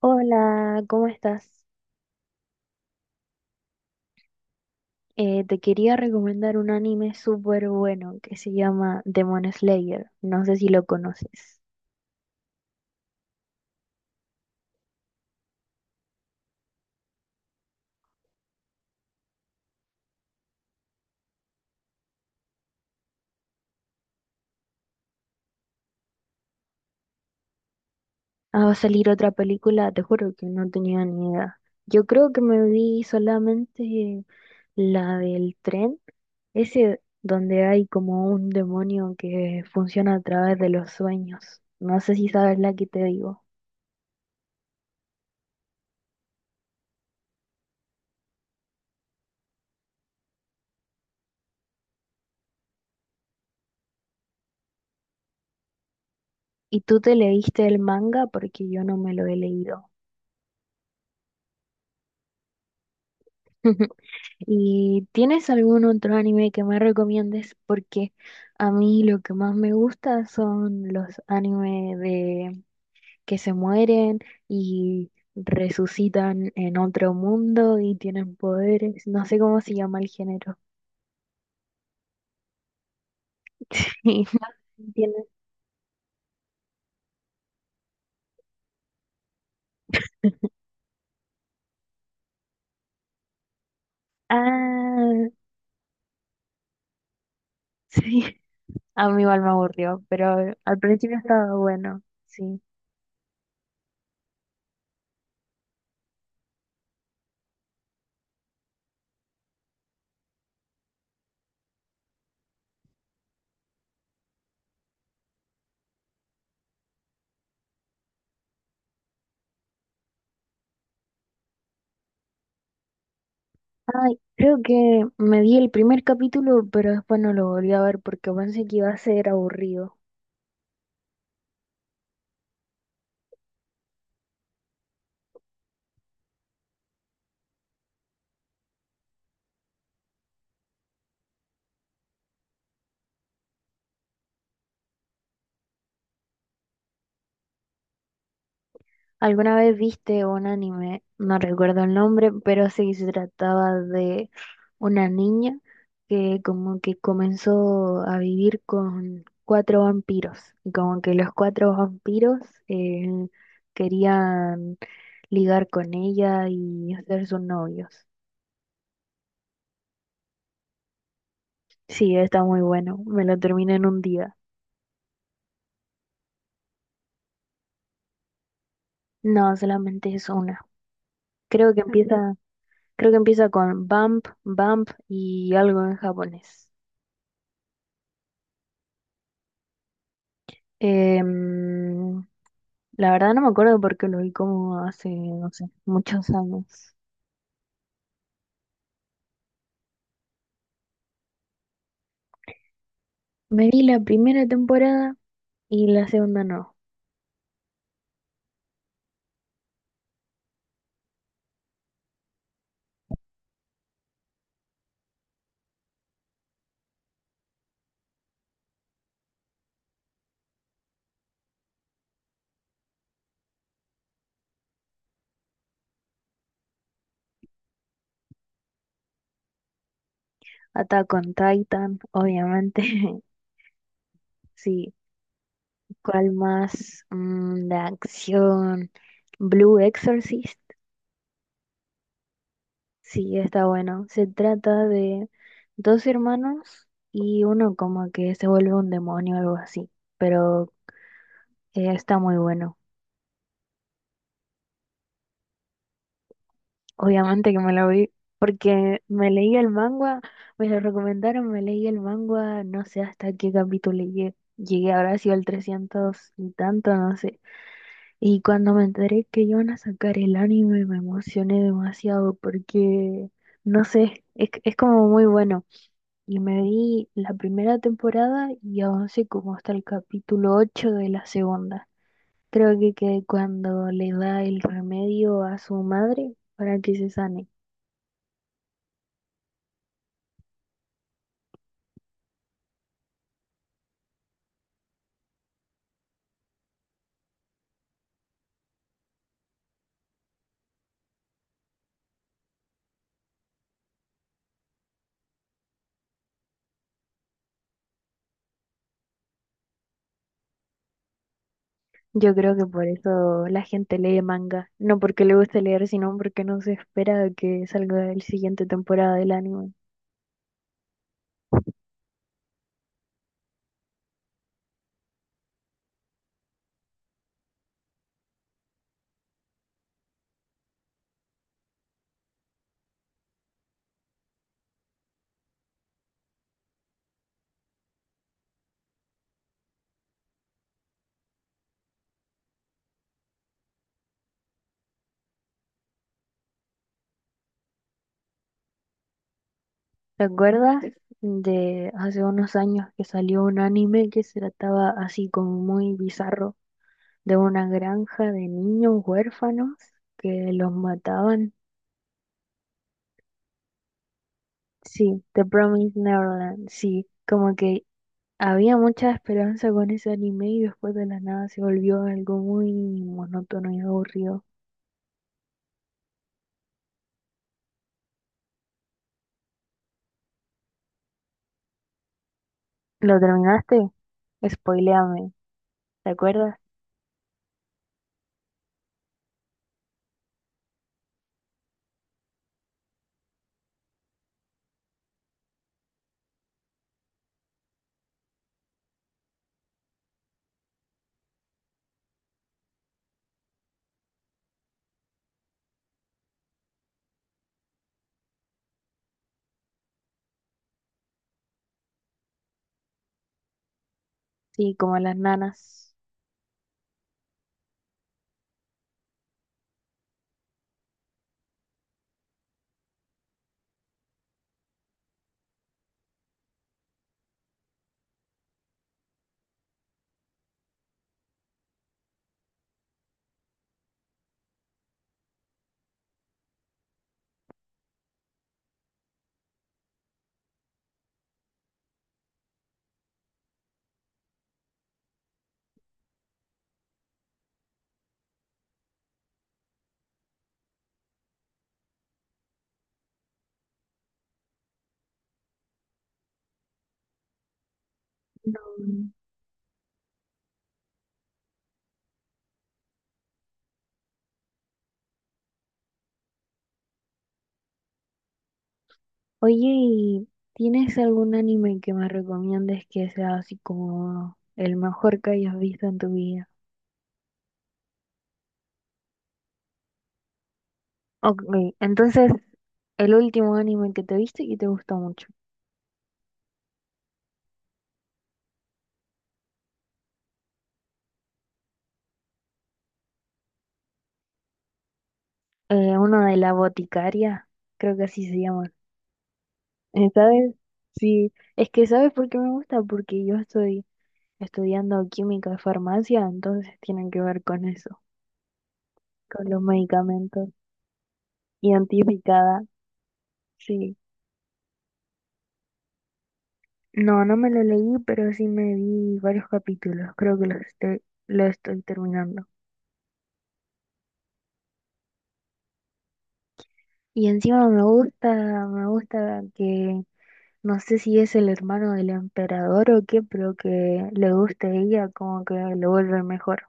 Hola, ¿cómo estás? Te quería recomendar un anime súper bueno que se llama Demon Slayer. No sé si lo conoces. Ah, va a salir otra película, te juro que no tenía ni idea. Yo creo que me vi solamente la del tren, ese donde hay como un demonio que funciona a través de los sueños. No sé si sabes la que te digo. ¿Y tú te leíste el manga? Porque yo no me lo he leído. ¿Y tienes algún otro anime que me recomiendes? Porque a mí lo que más me gusta son los animes de que se mueren y resucitan en otro mundo y tienen poderes. No sé cómo se llama el género. Sí, no sé si tienes- Ah, sí. A mí igual me aburrió, pero al principio estaba bueno. Sí. Ay, creo que me vi el primer capítulo, pero después no lo volví a ver porque pensé que iba a ser aburrido. ¿Alguna vez viste un anime? No recuerdo el nombre, pero sí se trataba de una niña que como que comenzó a vivir con cuatro vampiros. Y como que los cuatro vampiros eh, querían ligar con ella y ser sus novios. Sí, está muy bueno. Me lo terminé en un día. No, solamente es una. Creo que empieza, creo que empieza con bump, bump y algo en japonés. Em, la verdad no me acuerdo porque lo vi como hace, no sé, muchos años. Me vi la primera temporada y la segunda no. Attack on Titan, obviamente. Sí, ¿cuál más? Mm, de acción. Blue Exorcist. Sí, está bueno. Se trata de dos hermanos y uno como que se vuelve un demonio o algo así. Pero está muy bueno. Obviamente que me la vi, porque me leí el manga, me lo recomendaron, me leí el manga, no sé hasta qué capítulo llegué. Llegué, habrá sido al 300 y tanto, no sé. Y cuando me enteré que iban a sacar el anime, me emocioné demasiado porque, no sé, es como muy bueno. Y me vi la primera temporada y avancé como hasta el capítulo 8 de la segunda. Creo que cuando le da el remedio a su madre para que se sane. Yo creo que por eso la gente lee manga, no porque le guste leer, sino porque no se espera que salga el siguiente temporada del anime. ¿Te acuerdas de hace unos años que salió un anime que se trataba así como muy bizarro, de una granja de niños huérfanos que los mataban? Sí, The Promised Neverland, sí, como que había mucha esperanza con ese anime y después de la nada se volvió algo muy monótono y aburrido. ¿Lo terminaste? Spoiléame, ¿te acuerdas? Sí, como las nanas. No. Oye, ¿y tienes algún anime que me recomiendes que sea así como el mejor que hayas visto en tu vida? Ok, entonces, el último anime que te viste y te gustó mucho. Uno de la boticaria, creo que así se llama. ¿Sabes? Sí, es que ¿sabes por qué me gusta? Porque yo estoy estudiando química y farmacia, entonces tienen que ver con eso, con los medicamentos. Identificada. Sí, no, no me lo leí, pero sí me vi varios capítulos, creo que lo estoy terminando. Y encima me gusta que, no sé si es el hermano del emperador o qué, pero que le guste a ella, como que lo vuelve mejor.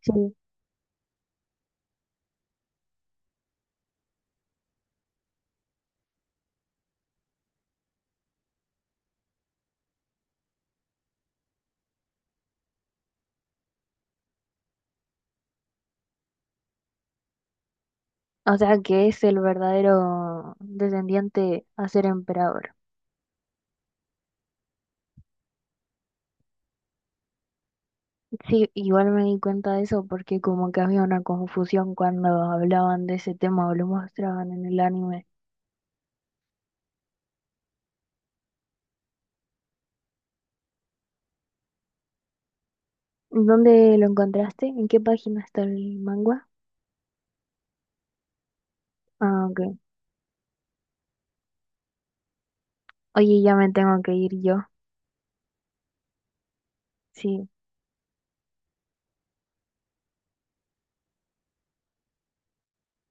Sí. O sea, que es el verdadero descendiente a ser emperador. Sí, igual me di cuenta de eso porque como que había una confusión cuando hablaban de ese tema o lo mostraban en el anime. ¿Dónde lo encontraste? ¿En qué página está el manga? Ah, ok. Oye, ya me tengo que ir yo. Sí.